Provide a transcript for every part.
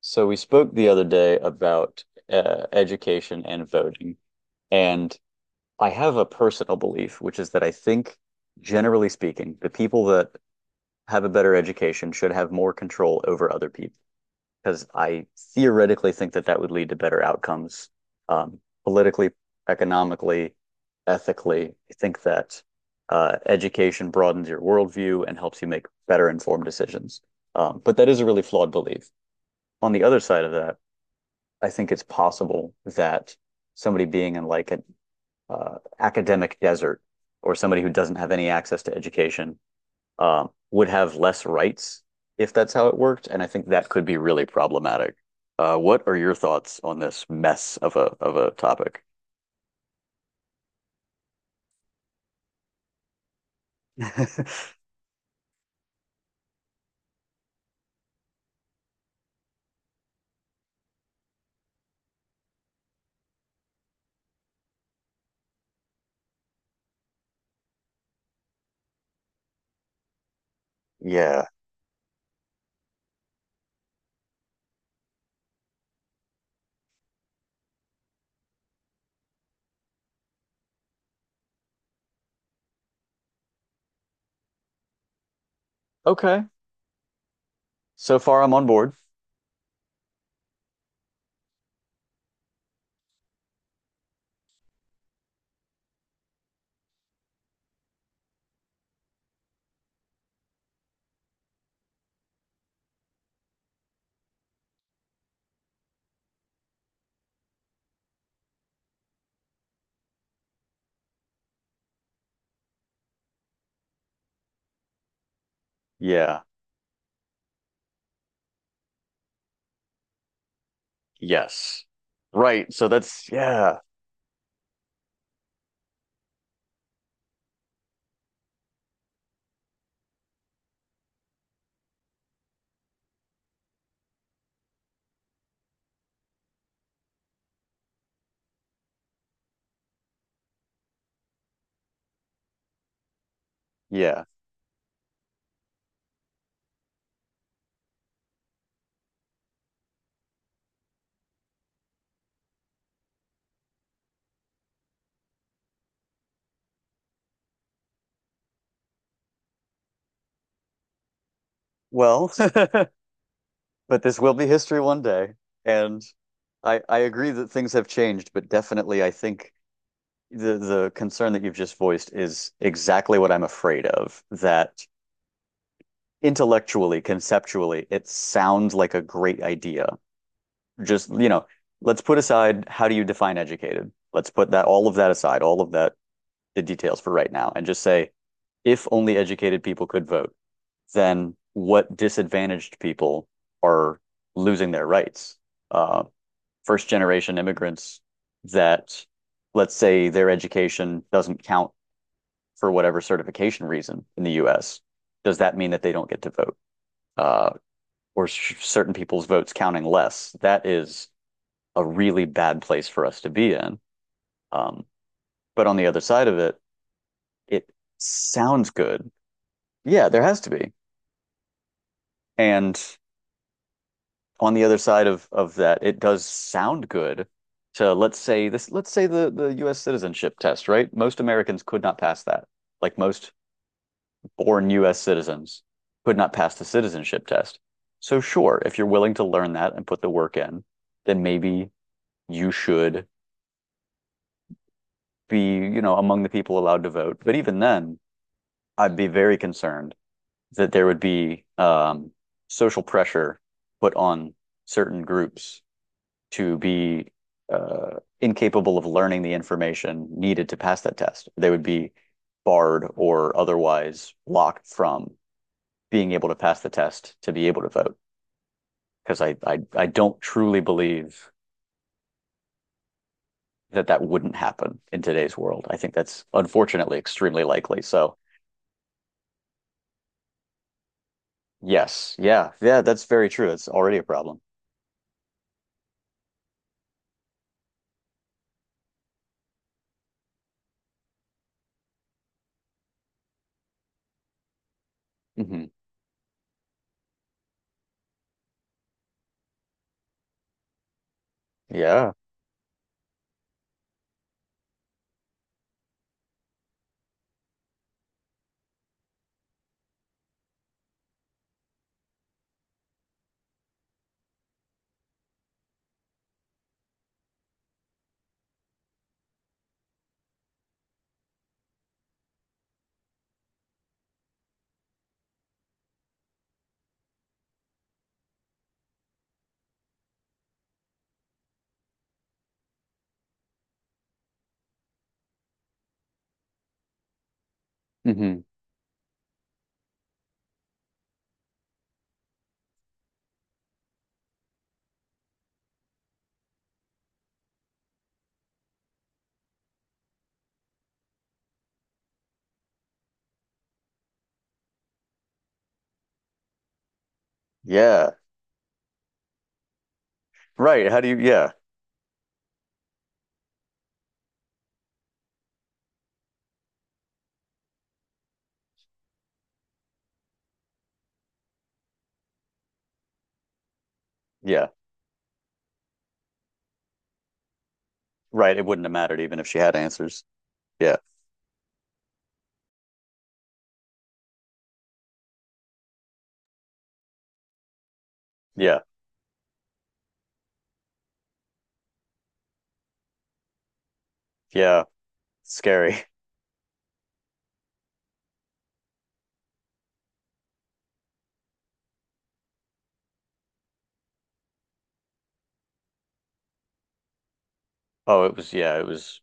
So we spoke the other day about education and voting, and I have a personal belief, which is that I think, generally speaking, the people that have a better education should have more control over other people, because I theoretically think that that would lead to better outcomes, um, politically, economically, ethically. I think that education broadens your worldview and helps you make better informed decisions. But that is a really flawed belief. On the other side of that, I think it's possible that somebody being in like an academic desert or somebody who doesn't have any access to education would have less rights if that's how it worked. And I think that could be really problematic. What are your thoughts on this mess of a topic? Yeah. Okay. So far, I'm on board. Yeah. Yes. Right. So that's yeah. Yeah. Well, but this will be history one day. And I agree that things have changed, but definitely I think the concern that you've just voiced is exactly what I'm afraid of. That intellectually, conceptually, it sounds like a great idea. Just, you know, let's put aside how do you define educated? Let's put that all of that aside, all of that the details for right now, and just say if only educated people could vote, then what disadvantaged people are losing their rights? Uh, First generation immigrants that, let's say, their education doesn't count for whatever certification reason in the US, does that mean that they don't get to vote? Uh, or certain people's votes counting less? That is a really bad place for us to be in. Um, but on the other side of it, it sounds good. Yeah, there has to be. And on the other side of that, it does sound good to let's say the US citizenship test, right? Most Americans could not pass that. Like most born US citizens could not pass the citizenship test. So sure, if you're willing to learn that and put the work in, then maybe you should be, you know, among the people allowed to vote. But even then, I'd be very concerned that there would be social pressure put on certain groups to be incapable of learning the information needed to pass that test. They would be barred or otherwise blocked from being able to pass the test to be able to vote. Because I don't truly believe that that wouldn't happen in today's world. I think that's unfortunately extremely likely. So yes, yeah, yeah, that's very true. It's already a problem. Hmm. Yeah. Hmm. Yeah. Right. How do you? Yeah. Yeah. Right. It wouldn't have mattered even if she had answers. Yeah. Yeah. Yeah. Scary. Oh, it was, yeah, it was.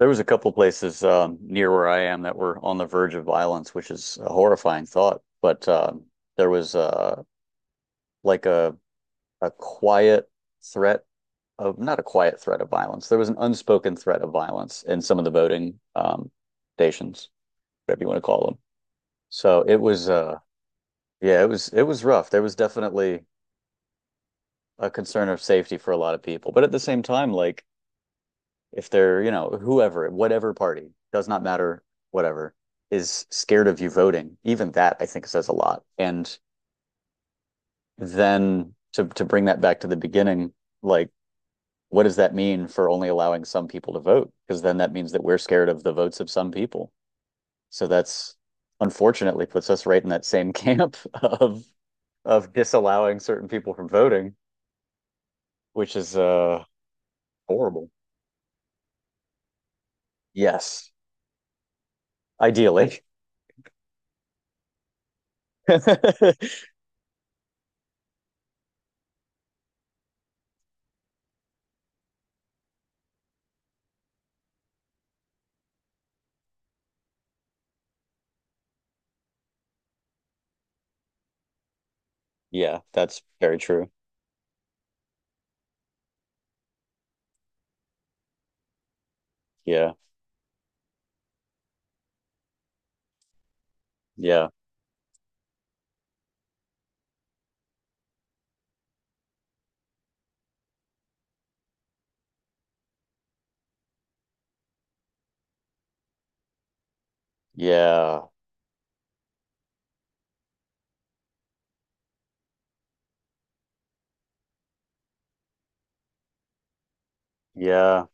There was a couple places near where I am that were on the verge of violence, which is a horrifying thought. But there was like a quiet threat of not a quiet threat of violence. There was an unspoken threat of violence in some of the voting stations, whatever you want to call them. So it was, yeah, it was rough. There was definitely a concern of safety for a lot of people, but at the same time, like if they're, you know, whoever, whatever party, does not matter, whatever, is scared of you voting, even that I think says a lot. And then to bring that back to the beginning, like what does that mean for only allowing some people to vote? Because then that means that we're scared of the votes of some people. So that's unfortunately puts us right in that same camp of disallowing certain people from voting, which is Horrible. Yes, ideally. Yeah, that's very true. Yeah. Yeah. Yeah. Yeah.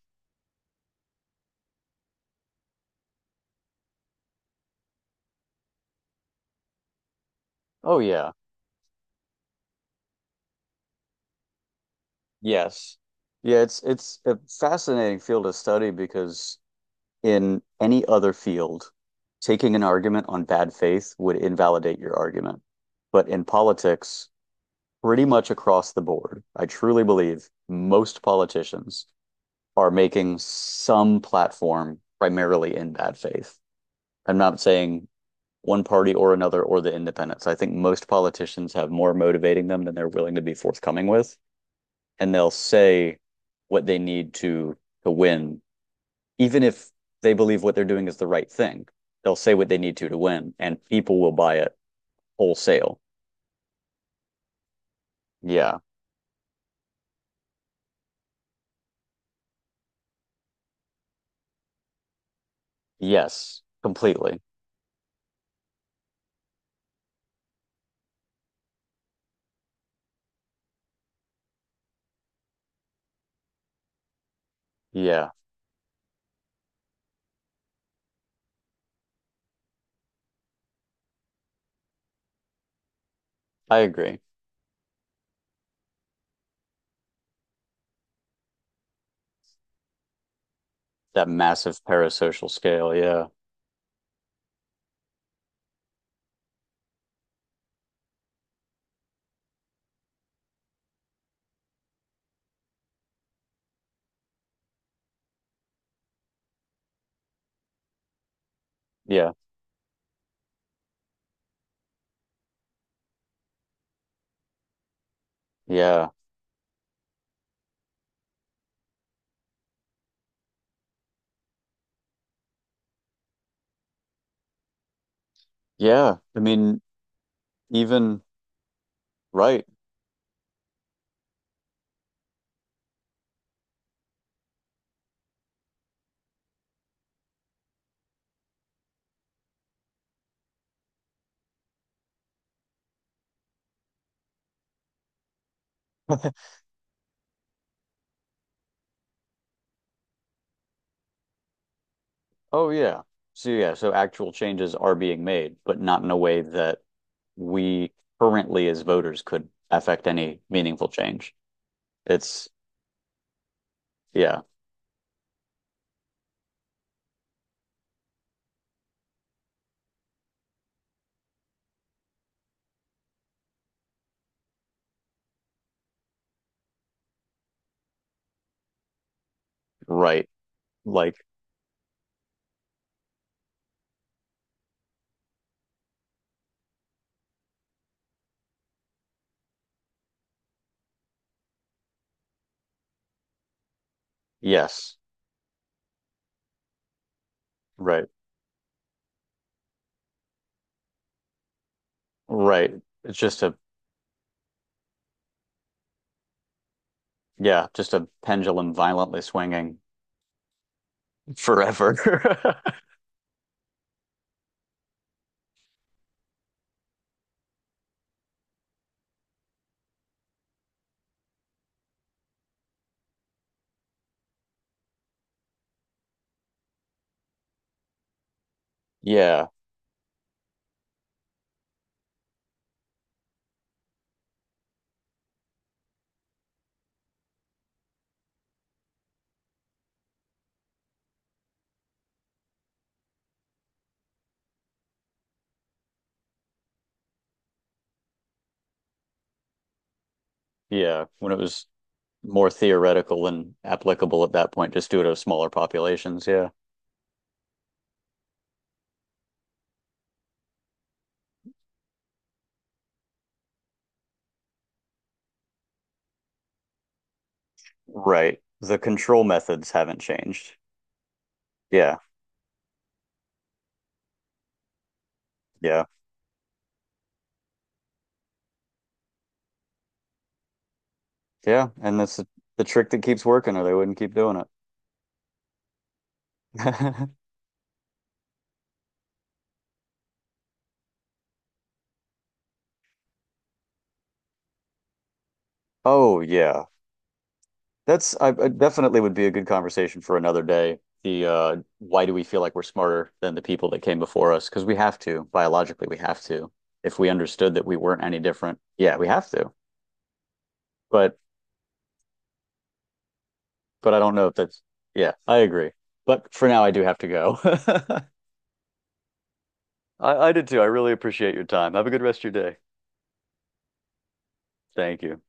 Oh yeah. Yes. Yeah, it's a fascinating field to study because in any other field, taking an argument on bad faith would invalidate your argument. But in politics, pretty much across the board, I truly believe most politicians are making some platform primarily in bad faith. I'm not saying one party or another or the independents. I think most politicians have more motivating them than they're willing to be forthcoming with, and they'll say what they need to win, even if they believe what they're doing is the right thing. They'll say what they need to win, and people will buy it wholesale. Yeah. Yes. Completely. Yeah. I agree. That massive parasocial scale. Yeah. Yeah. Yeah. Yeah. I mean, even right. Oh yeah. So yeah, so actual changes are being made, but not in a way that we currently as voters could affect any meaningful change. It's yeah, right. Like yes, right, right. It's just a yeah, just a pendulum violently swinging forever. Yeah, yeah. When it was more theoretical and applicable at that point, just due to smaller populations. Yeah, right. The control methods haven't changed. Yeah, yeah. Yeah, and that's the trick that keeps working, or they wouldn't keep doing it. Oh yeah, that's I definitely would be a good conversation for another day. The why do we feel like we're smarter than the people that came before us? Because we have to biologically, we have to. If we understood that we weren't any different, yeah, we have to. But I don't know if that's yeah, I agree. But for now, I do have to go. I did too. I really appreciate your time. Have a good rest of your day. Thank you.